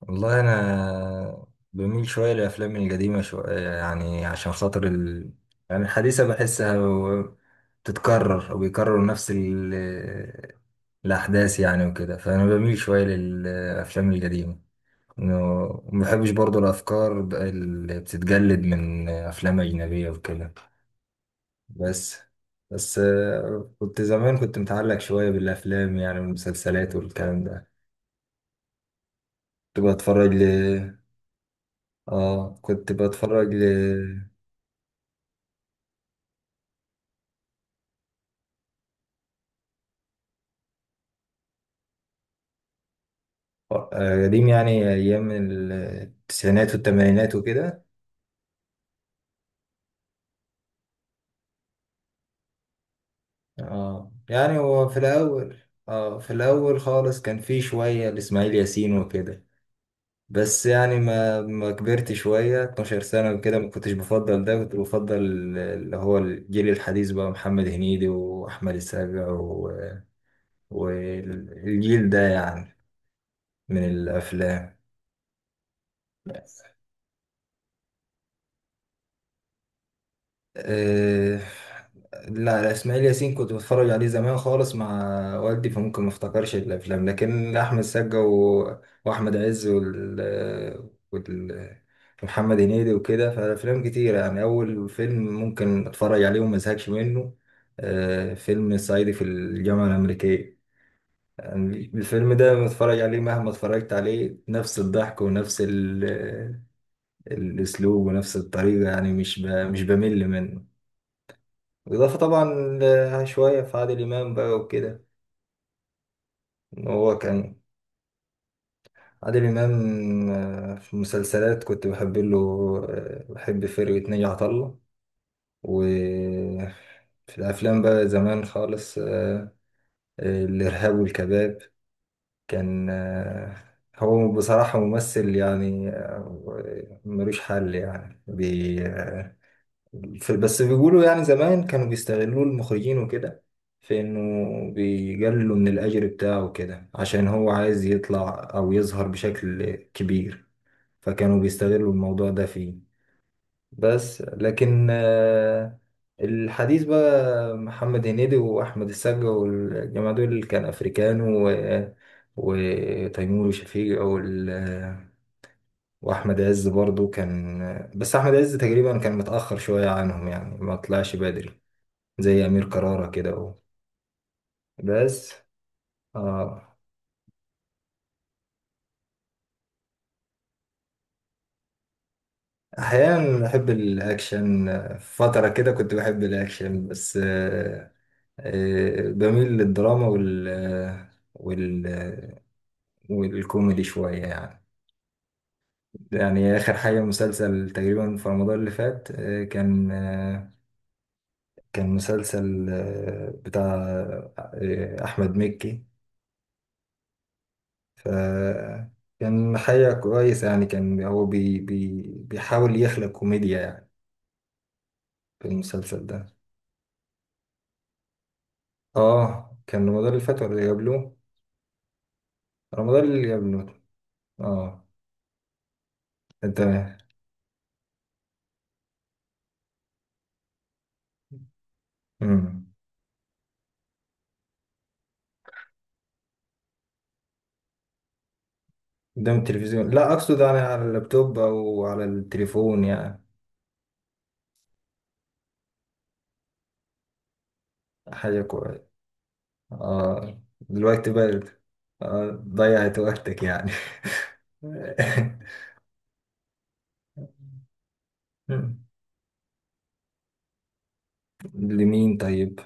والله انا بميل شويه للافلام القديمه شويه يعني عشان خاطر. يعني الحديثه بحسها بتتكرر وبيكرروا نفس الاحداث يعني وكده، فانا بميل شويه للافلام القديمه. إنه- وما بحبش برضو الافكار اللي بتتجلد من افلام اجنبيه وكده. بس بس. كنت زمان كنت متعلق شويه بالافلام يعني والمسلسلات والكلام ده. كنت بتفرج. اه، كنت بتفرج ل آه، قديم يعني ايام التسعينات والثمانينات وكده. اه، يعني هو في الاول. اه، في الاول خالص كان في شوية لاسماعيل ياسين وكده. بس يعني ما كبرت شوية 12 سنة وكده ما كنتش بفضل ده، كنت بفضل اللي هو الجيل الحديث، بقى محمد هنيدي واحمد السقا والجيل ده يعني من الافلام. آه، لا، لا، اسماعيل ياسين كنت بتفرج عليه زمان خالص مع والدي، فممكن ما افتكرش الافلام، لكن احمد سقا واحمد عز وال... ومحمد هنيدي وكده، فالافلام كتير يعني. اول فيلم ممكن اتفرج عليه وما ازهقش منه فيلم صعيدي في الجامعه الامريكيه. يعني الفيلم ده بتفرج عليه مهما اتفرجت عليه، نفس الضحك ونفس الاسلوب ونفس الطريقه، يعني مش بمل منه. بالإضافة طبعا شوية في عادل إمام بقى وكده. إن هو كان عادل إمام، في المسلسلات كنت بحب له. بحب فرقة ناجي عطا الله. وفي الأفلام بقى زمان خالص، الإرهاب والكباب كان. هو بصراحة ممثل يعني، ملوش حل يعني بي آه، بس بيقولوا يعني زمان كانوا بيستغلوا المخرجين وكده، في انه بيقللوا من الاجر بتاعه وكده عشان هو عايز يطلع او يظهر بشكل كبير، فكانوا بيستغلوا الموضوع ده فيه. بس لكن الحديث بقى محمد هنيدي واحمد السقا والجماعه دول، كان افريكان وتيمور وشفيق واحمد عز برضو كان، بس احمد عز تقريبا كان متاخر شويه عنهم، يعني ما طلعش بدري زي أمير كرارة كده أهو. بس آه أحيانا بحب الأكشن، فترة كده كنت بحب الأكشن بس. بميل للدراما والكوميدي شوية يعني. يعني آخر حاجة مسلسل تقريبا في رمضان اللي فات كان مسلسل بتاع أحمد مكي. ف كان حاجة كويسة يعني، كان هو بي بي بيحاول يخلق كوميديا يعني في المسلسل ده. اه، كان رمضان اللي فات ولا اللي قبله؟ رمضان اللي قبله. اه، إيه، تمام. امم. قدام التلفزيون، لا اقصد يعني على اللابتوب او على التليفون يعني. حاجه كويسه. اه، الوقت برد. ضيعت وقتك يعني. مم. لمين طيب.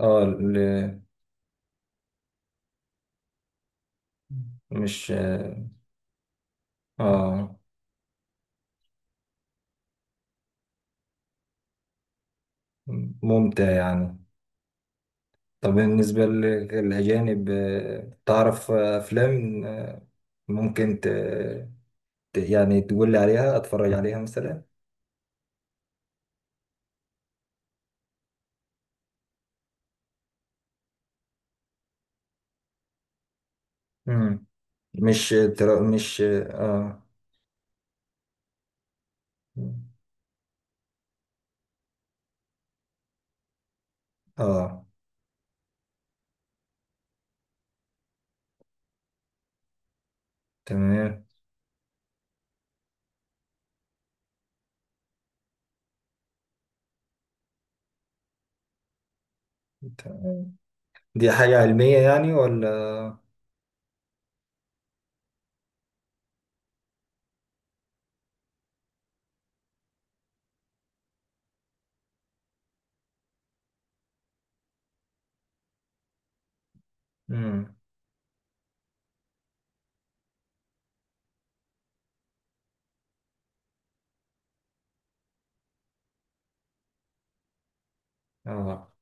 اه. مش. اه، ممتع يعني. طب بالنسبة للأجانب، تعرف، أفلام. ممكن ت... ت- يعني تقول لي عليها أتفرج عليها مثلا. مم. مش. مش. آه تمام. تمام. دي حاجة علمية يعني ولا؟ مم. آه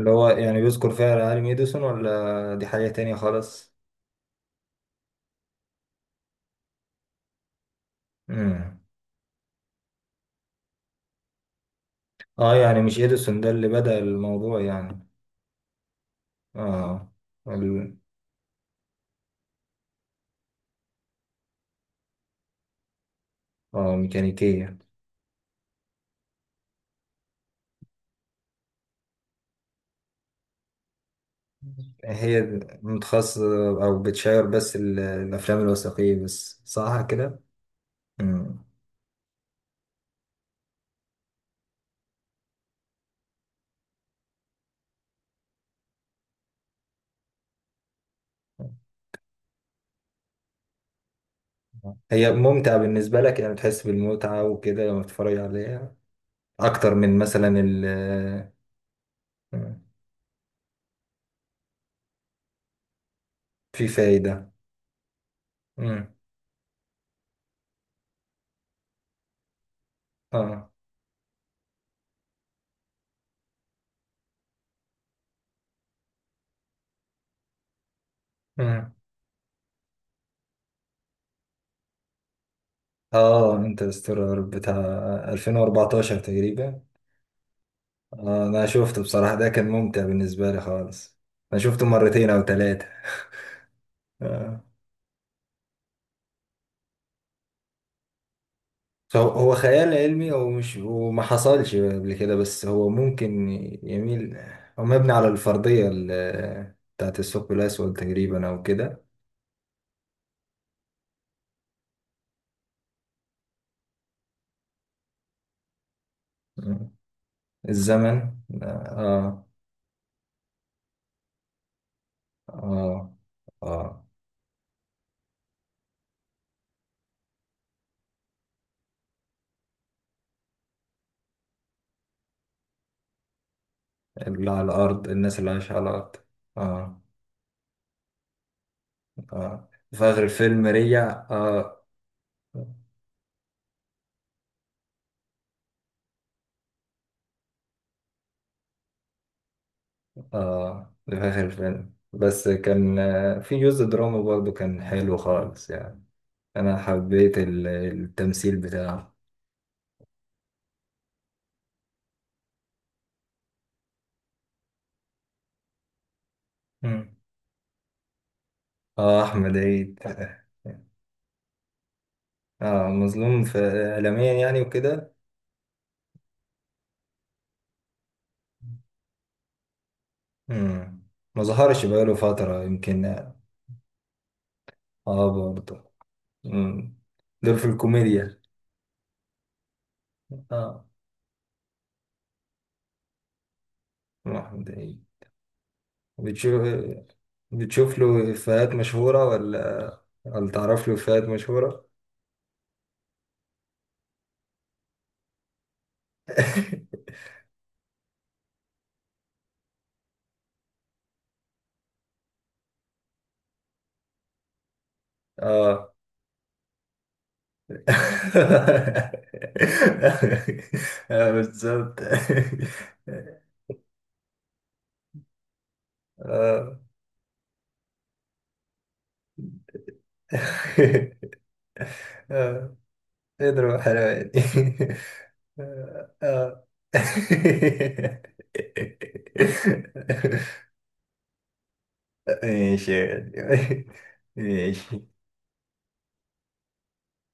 اللي هو يعني بيذكر فيها العالم إديسون، ولا دي حاجة تانية خالص؟ مم. يعني مش إديسون ده اللي بدأ الموضوع يعني. آه. ال... ميكانيكية. هي متخصصة أو بتشير بس الأفلام الوثائقية بس، صح كده؟ مم. هي ممتعة بالنسبة لك، يعني بتحس بالمتعة وكده لما بتتفرج عليها أكتر من مثلا ال. مم. في فايدة. مم. اه. مم. اه، انترستيلر بتاع 2014 تقريبا. أنا شفته بصراحة، ده كان ممتع بالنسبة لي خالص. أنا شفته مرتين أو ثلاثة. هو خيال علمي، هو مش وما حصلش قبل كده، بس هو ممكن يميل. هو مبني على الفرضية بتاعت الثقب الأسود تقريبا أو كده. مم. الزمن. آه آه آه اللي على الأرض، الناس اللي عايشة على الأرض. آه. آه، في آخر الفيلم رجع. ده في آخر الفيلم، بس كان في جزء دراما برضه، كان حلو خالص يعني. أنا حبيت التمثيل بتاعه. اه، احمد عيد. اه، مظلوم في اعلاميا يعني وكده. مم. ما ظهرش بقاله فترة يمكن. اه، برضه. مم. دول في الكوميديا. اه، احمد عيد. بتشوف بتشوف له افيهات مشهورة، ولا ولا تعرف له افيهات مشهورة؟ اه بالظبط. اه اضرب حلواني. آه. ماشي يا غالي. ماشي